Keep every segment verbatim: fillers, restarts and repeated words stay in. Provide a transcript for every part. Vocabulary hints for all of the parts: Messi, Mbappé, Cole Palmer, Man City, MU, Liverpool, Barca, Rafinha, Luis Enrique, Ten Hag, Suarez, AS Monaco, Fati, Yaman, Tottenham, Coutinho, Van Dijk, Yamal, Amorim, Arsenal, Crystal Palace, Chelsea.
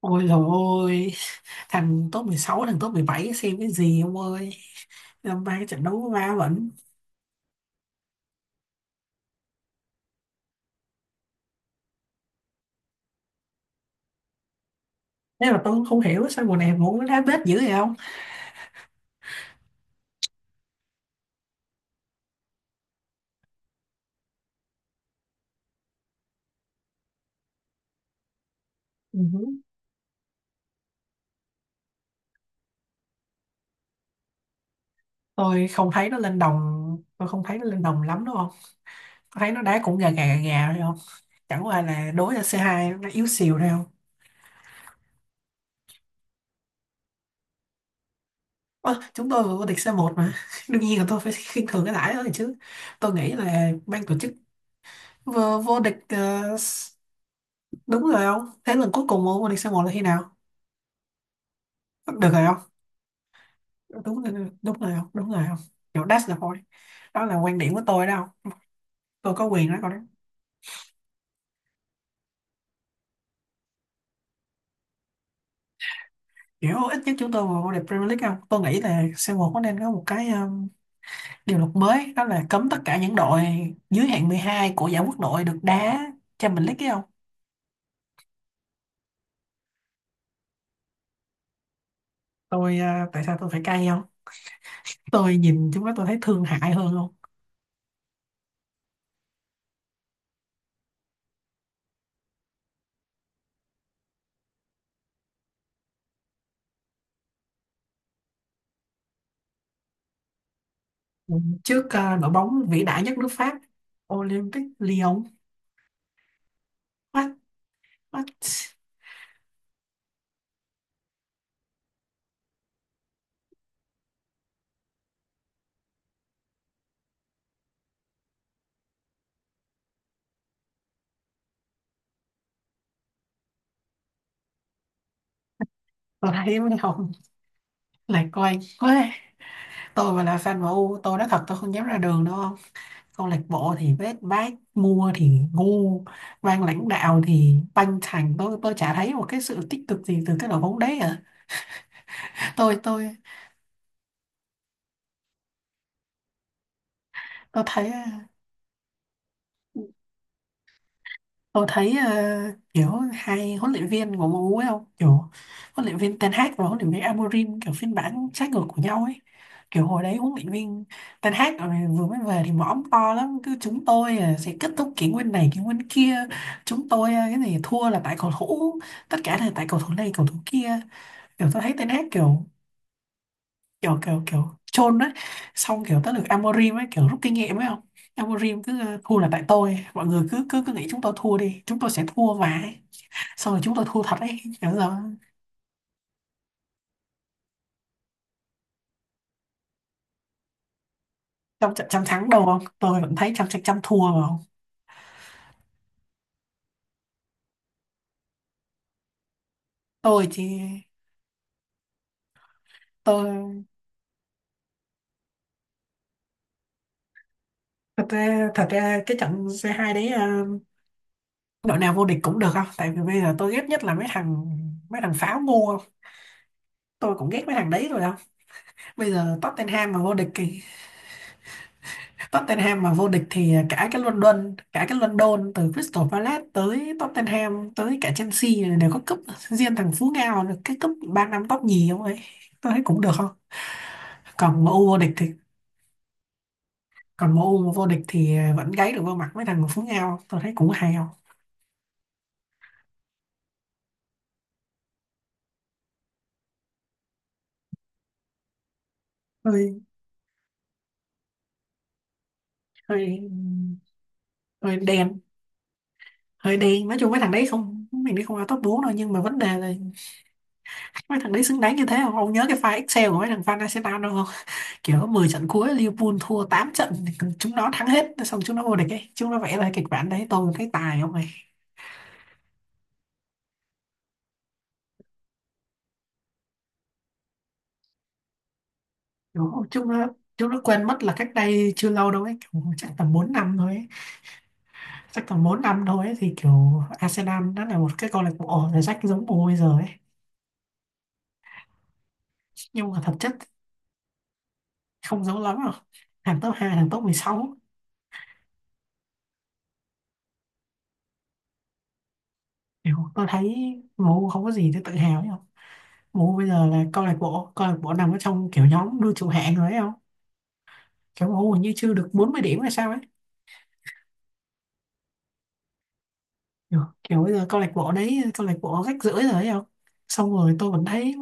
Ôi dồi ôi, thằng top mười sáu, thằng top mười bảy xem cái gì ông ơi. Năm nay trận đấu ma vẫn. Thế mà tôi cũng không hiểu sao mùa này muốn đá bết dữ vậy không? Ừ. Tôi không thấy nó lên đồng, tôi không thấy nó lên đồng lắm đúng không? Tôi thấy nó đá cũng gà gà gà gà thôi không? Chẳng qua là đối là c hai nó yếu xìu thôi không? Ơ, chúng tôi vừa vô địch c một mà. Đương nhiên là tôi phải khinh thường cái đãi đó rồi chứ. Tôi nghĩ là ban tổ chức vừa vô địch ờ, đúng rồi không? Thế lần cuối cùng vô địch c một là khi nào? Được rồi không? Đúng là đúng rồi không, đúng rồi không, kiểu that's the point, đó là quan điểm của tôi đó không, tôi có quyền nói câu đó, kiểu ít nhất chúng tôi vào vô địch Premier League không, tôi nghĩ là c một có nên có một cái um, điều luật mới đó là cấm tất cả những đội dưới hạng mười hai của giải quốc nội được đá Champions League ấy không. Tôi uh, Tại sao tôi phải cay không, tôi nhìn chúng nó tôi thấy thương hại hơn không. Ừ, trước uh, đội bóng vĩ đại nhất nước Pháp Olympic Lyon. What what. Tôi thấy mấy ông lạc quan quá, tôi mà là fan em u tôi nói thật tôi không dám ra đường đâu không, câu lạc bộ thì vết bát mua thì ngu, ban lãnh đạo thì banh thành, tôi tôi chả thấy một cái sự tích cực gì từ cái đội bóng đấy à. tôi tôi tôi thấy à, Tôi thấy ờ, kiểu hai huấn luyện viên của em u ấy không, kiểu huấn luyện viên Ten Hag và huấn luyện viên Amorim kiểu phiên bản trái ngược của nhau ấy, kiểu hồi đấy huấn luyện viên Ten Hag ờ, vừa mới về thì mõm to lắm, cứ chúng tôi ờ, sẽ kết thúc kỷ nguyên này kỷ nguyên kia, chúng tôi ờ, cái này thua là tại cầu thủ, tất cả là tại cầu thủ này cầu thủ kia, kiểu tôi thấy Ten Hag kiểu kiểu kiểu kiểu chôn đấy, xong kiểu tới lượt Amorim ấy kiểu rút kinh nghiệm ấy không. Amorim cứ ờ, thua là tại tôi, mọi người cứ cứ cứ nghĩ chúng tôi thua đi, chúng tôi sẽ thua vãi, xong rồi chúng tôi thua thật đấy. Nhớ rồi, trong trận trăm thắng đâu không, tôi vẫn thấy trăm trận trăm thua mà không. Tôi chỉ tôi thật ra, thật ra cái trận xê hai đấy ờ, đội nào vô địch cũng được không, tại vì bây giờ tôi ghét nhất là mấy thằng mấy thằng pháo ngu không, tôi cũng ghét mấy thằng đấy rồi không. Bây giờ Tottenham mà vô địch thì Tottenham mà vô địch thì cả cái London, cả cái London từ Crystal Palace tới Tottenham tới cả Chelsea này đều có cúp, riêng thằng Phú Ngao được cái cúp ba năm top nhì không ấy, tôi thấy cũng được không. Còn em U vô địch thì còn em u vô địch thì vẫn gáy được vô mặt mấy thằng của Phú Ngao, tôi thấy cũng hay không. Hơi hơi Hơi đen, hơi đen, nói chung mấy thằng đấy không mình đi không vào top bốn đâu, nhưng mà vấn đề là mấy thằng đấy xứng đáng như thế không. Ông nhớ cái file Excel của mấy thằng fan Arsenal đâu không, kiểu mười trận cuối Liverpool thua tám trận, chúng nó thắng hết xong chúng nó vô địch ấy, chúng nó vẽ ra kịch bản đấy tôi thấy tài không này. Đúng không, chúng nó chúng nó quên mất là cách đây chưa lâu đâu ấy, kiểu chắc tầm bốn năm thôi ấy. Chắc tầm bốn năm thôi ấy, thì kiểu Arsenal đã là một cái câu lạc bộ ở rách giống bố bây giờ ấy, nhưng mà thật chất không giống lắm đâu, hàng top hai hàng top mười sáu. Kiểu tôi thấy em u không có gì để tự hào ấy không, em u bây giờ là câu lạc bộ câu lạc bộ nằm ở trong kiểu nhóm đua trụ hạng rồi ấy không, kiểu em u hình như chưa được bốn mươi điểm hay sao ấy, kiểu, kiểu bây giờ câu lạc bộ đấy câu lạc bộ rách rưởi rồi ấy không. Xong rồi tôi vẫn thấy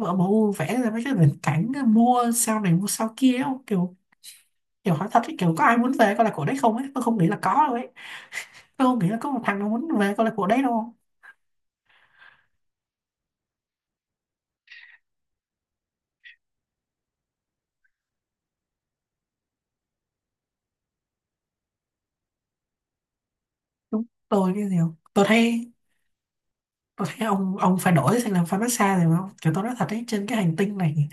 vợ em u vẽ ra mấy cái viễn cảnh mua sao này mua sao kia ấy không, kiểu kiểu hỏi thật ấy, kiểu có ai muốn về câu lạc bộ đấy không ấy, tôi không nghĩ là có đâu ấy, tôi không nghĩ là có một thằng nó muốn về câu lạc bộ đấy đâu. Đúng tôi cái gì không, tôi thấy tôi thấy ông ông phải đổi sang làm fan massage rồi không, kiểu tôi nói thật ấy trên cái hành tinh này,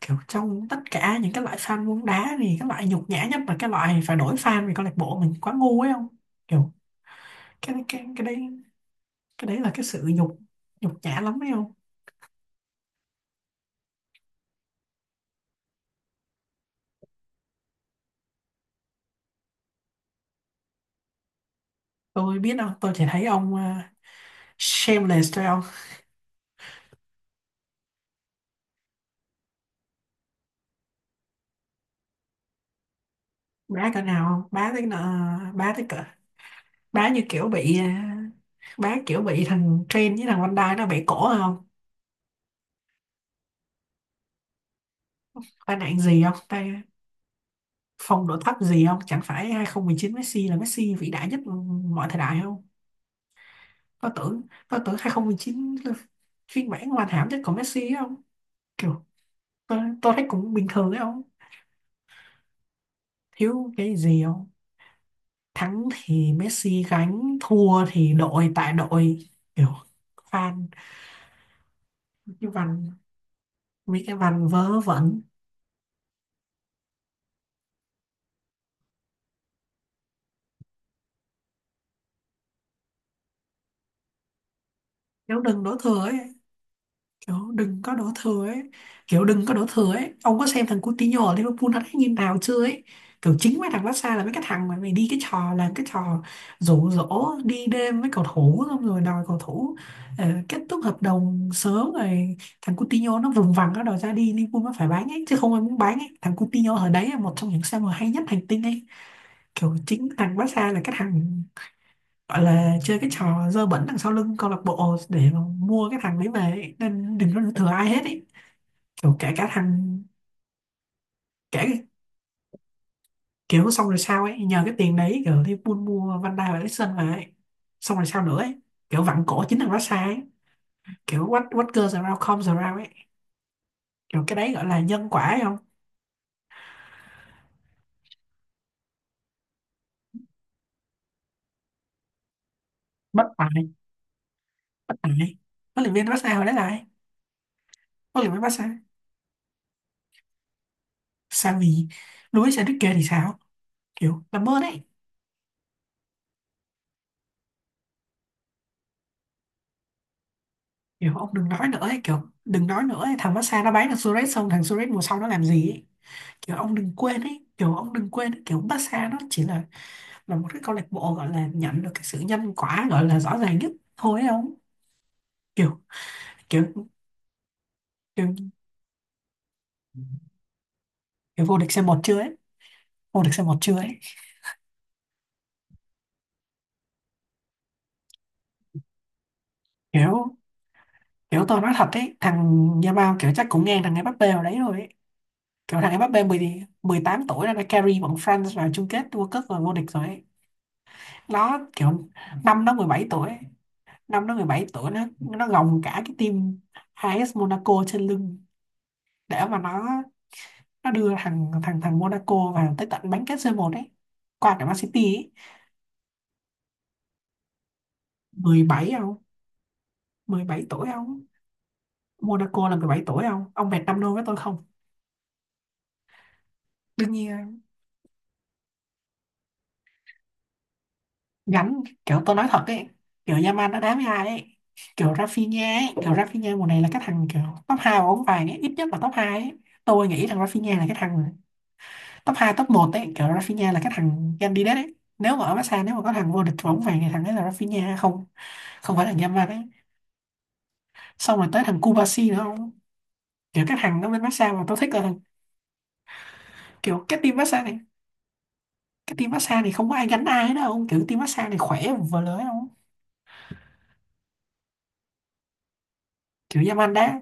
kiểu trong tất cả những cái loại fan bóng đá thì cái loại nhục nhã nhất là cái loại phải đổi fan vì câu lạc bộ mình quá ngu ấy không. Kiểu cái cái cái đấy cái đấy là cái sự nhục nhục nhã lắm ấy không. Tôi biết đâu, tôi chỉ thấy ông uh, shameless thôi không. Bá cỡ nào không, bá tới nợ, bá tới cỡ, Bá như kiểu bị à, bá kiểu bị thằng Train với thằng Van Dijk nó bẻ cổ không? Tai nạn gì không? Tai phong độ thấp gì không? Chẳng phải hai không một chín Messi là Messi vĩ đại nhất mọi thời đại không? Tôi tưởng tôi tưởng hai không một chín là phiên bản hoàn hảo nhất của Messi ấy không? Kiểu tôi, tôi thấy cũng bình thường đấy không? Thiếu cái gì không? Thắng thì Messi gánh, thua thì đội tại đội, kiểu fan cái văn, mấy cái văn vớ vẩn, nếu đừng đổ thừa ấy. Kiểu đừng có đổ thừa ấy. Kiểu đừng có đổ thừa ấy. Ông có xem thằng Coutinho ở Liverpool nó đánh như nào chưa ấy. Kiểu chính mấy thằng Barca là mấy cái thằng mà mày đi cái trò là cái trò rủ rỗ đi đêm với cầu thủ, xong rồi đòi cầu thủ ờ, kết thúc hợp đồng sớm, rồi thằng Coutinho nó vùng vằng nó đòi ra đi, Liverpool nó phải bán ấy chứ không ai muốn bán ấy, thằng Coutinho ở đấy là một trong những xe mà hay nhất hành tinh ấy. Kiểu chính thằng Barca là cái thằng gọi là chơi cái trò dơ bẩn đằng sau lưng câu lạc bộ để mà mua cái thằng đấy về ấy. Nên đừng có đổ thừa ai hết ấy. Kiểu cả cả thằng cả cái- kiểu xong rồi sao ấy, nhờ cái tiền đấy kiểu thì buôn mua Van Dijk và Eriksen về, xong rồi sao nữa ấy, kiểu vặn cổ chính thằng Barca ấy, kiểu what what goes around comes around ấy, kiểu cái đấy gọi là nhân quả ấy không. bất tài Bất tài. Huấn luyện viên Barca hồi đấy là ai, huấn luyện viên Barca sao, vì Luis Enrique thì sao, kiểu làm ơn ấy. Kiểu ông đừng nói nữa ấy, kiểu đừng nói nữa ấy. Thằng Barca nó bán thằng Suarez xong thằng Suarez mùa sau nó làm gì ấy. Kiểu ông đừng quên ấy, kiểu ông đừng quên ấy. Kiểu Barca nó chỉ là là một cái câu lạc bộ gọi là nhận được cái sự nhân quả gọi là rõ ràng nhất thôi ấy không. Kiểu kiểu kiểu, kiểu Vô địch c một chưa ấy, vô địch c một chưa ấy. Kiểu kiểu tôi nói thật ấy, thằng Nha Bao kiểu chắc cũng ngang thằng Mbappé vào đấy rồi ấy, kiểu thằng Mbappé mười mười tám tuổi đã đã carry bọn France vào chung kết World Cup và vô địch rồi ấy, nó kiểu năm nó mười bảy tuổi ấy. Năm nó mười bảy tuổi nó nó gồng cả cái team a ét Monaco trên lưng, để mà nó nó đưa thằng thằng thằng Monaco vào tới tận bán kết c một đấy, qua cả Man City ấy. mười bảy không, mười bảy tuổi không, Monaco là mười bảy tuổi không, ông bẹt năm đô với tôi không. Đương nhiên không? Gánh kiểu tôi nói thật ấy, kiểu Yamal nó đá với ai ấy, kiểu Rafinha ấy, kiểu Rafinha mùa này là cái thằng kiểu top hai của bóng vàng ấy, ít nhất là top hai ấy. Tôi nghĩ rằng Rafinha là cái thằng top hai top một ấy, kiểu Rafinha là cái thằng candidate ấy, nếu mà ở Barca nếu mà có thằng vô địch bóng vàng thì thằng ấy là Rafinha không, không phải là Yamal ấy. Xong rồi tới thằng Kubasi nữa không, kiểu các thằng nó bên massage mà tôi thích là thằng kiểu cái team massage này, cái team massage này không có ai gánh ai đâu không, kiểu team massage này khỏe vừa lưới không, kiểu Yaman đá,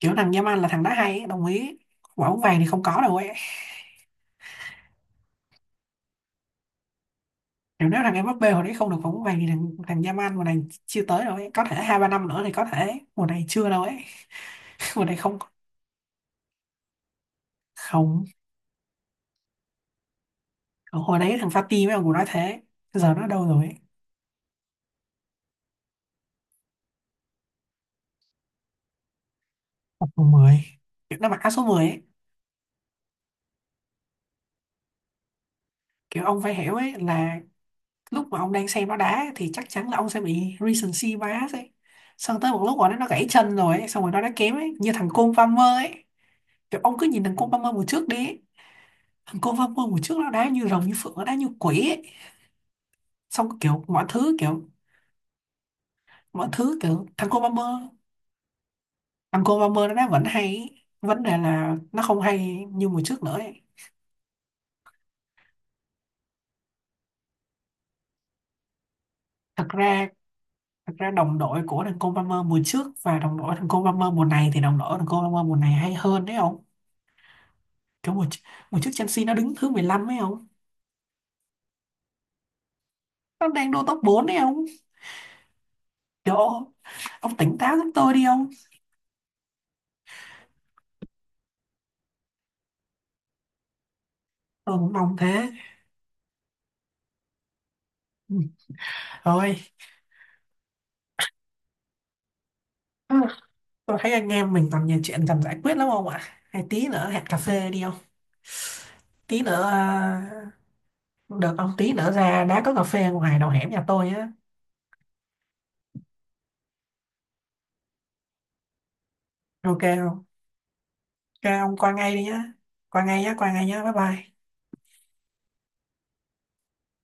kiểu thằng Yaman là thằng đá hay ấy, đồng ý quả bóng vàng thì không có đâu ấy. Kiểu nếu thằng Mbappé hồi đấy không được quả bóng vàng thì thằng thằng Yaman mùa này chưa tới đâu ấy, có thể hai ba năm nữa thì có thể, mùa này chưa đâu ấy. Mùa này không, không, hồi đấy thằng Fati với ông cũng nói thế, giờ nó đâu rồi ấy? Tập mùa, kiểu nó mặc áo số mười ấy. Kiểu ông phải hiểu ấy là lúc mà ông đang xem nó đá thì chắc chắn là ông sẽ bị recency bias ấy, xong tới một lúc mà nó nó gãy chân rồi ấy, xong rồi nó đã kém ấy như thằng Cole Palmer ấy. Kiểu ông cứ nhìn thằng Cole Palmer mùa trước đi ấy. Thằng Cole Palmer mùa trước nó đá như rồng như phượng, nó đá như quỷ ấy, xong kiểu mọi thứ kiểu, mọi thứ kiểu thằng Cole Palmer, thằng Cole Palmer nó đá vẫn hay ấy. Vấn đề là nó không hay như mùa trước nữa ấy. Thật ra, thật ra đồng đội của thằng Cole Palmer mùa trước và đồng đội thằng Cole Palmer mùa này thì đồng đội thằng Cole Palmer mùa này hay hơn đấy ông. Cái mùa, Mùa trước Chelsea nó đứng thứ mười lăm ấy không? Nó đang đua top bốn ấy không? Trời ơi, ông tỉnh táo giúp tôi đi không? Tôi cũng mong thế. Ừ. Thôi. Ừ, tôi thấy anh em mình còn nhiều chuyện cần giải quyết lắm không ạ? Hay tí nữa hẹn cà phê đi không? Tí nữa, à, được ông, tí nữa ra đã có cà phê ngoài đầu hẻm nhà tôi á. Ok không? Ok ông qua ngay đi nhá. Qua ngay nhá, qua ngay nhá, bye bye.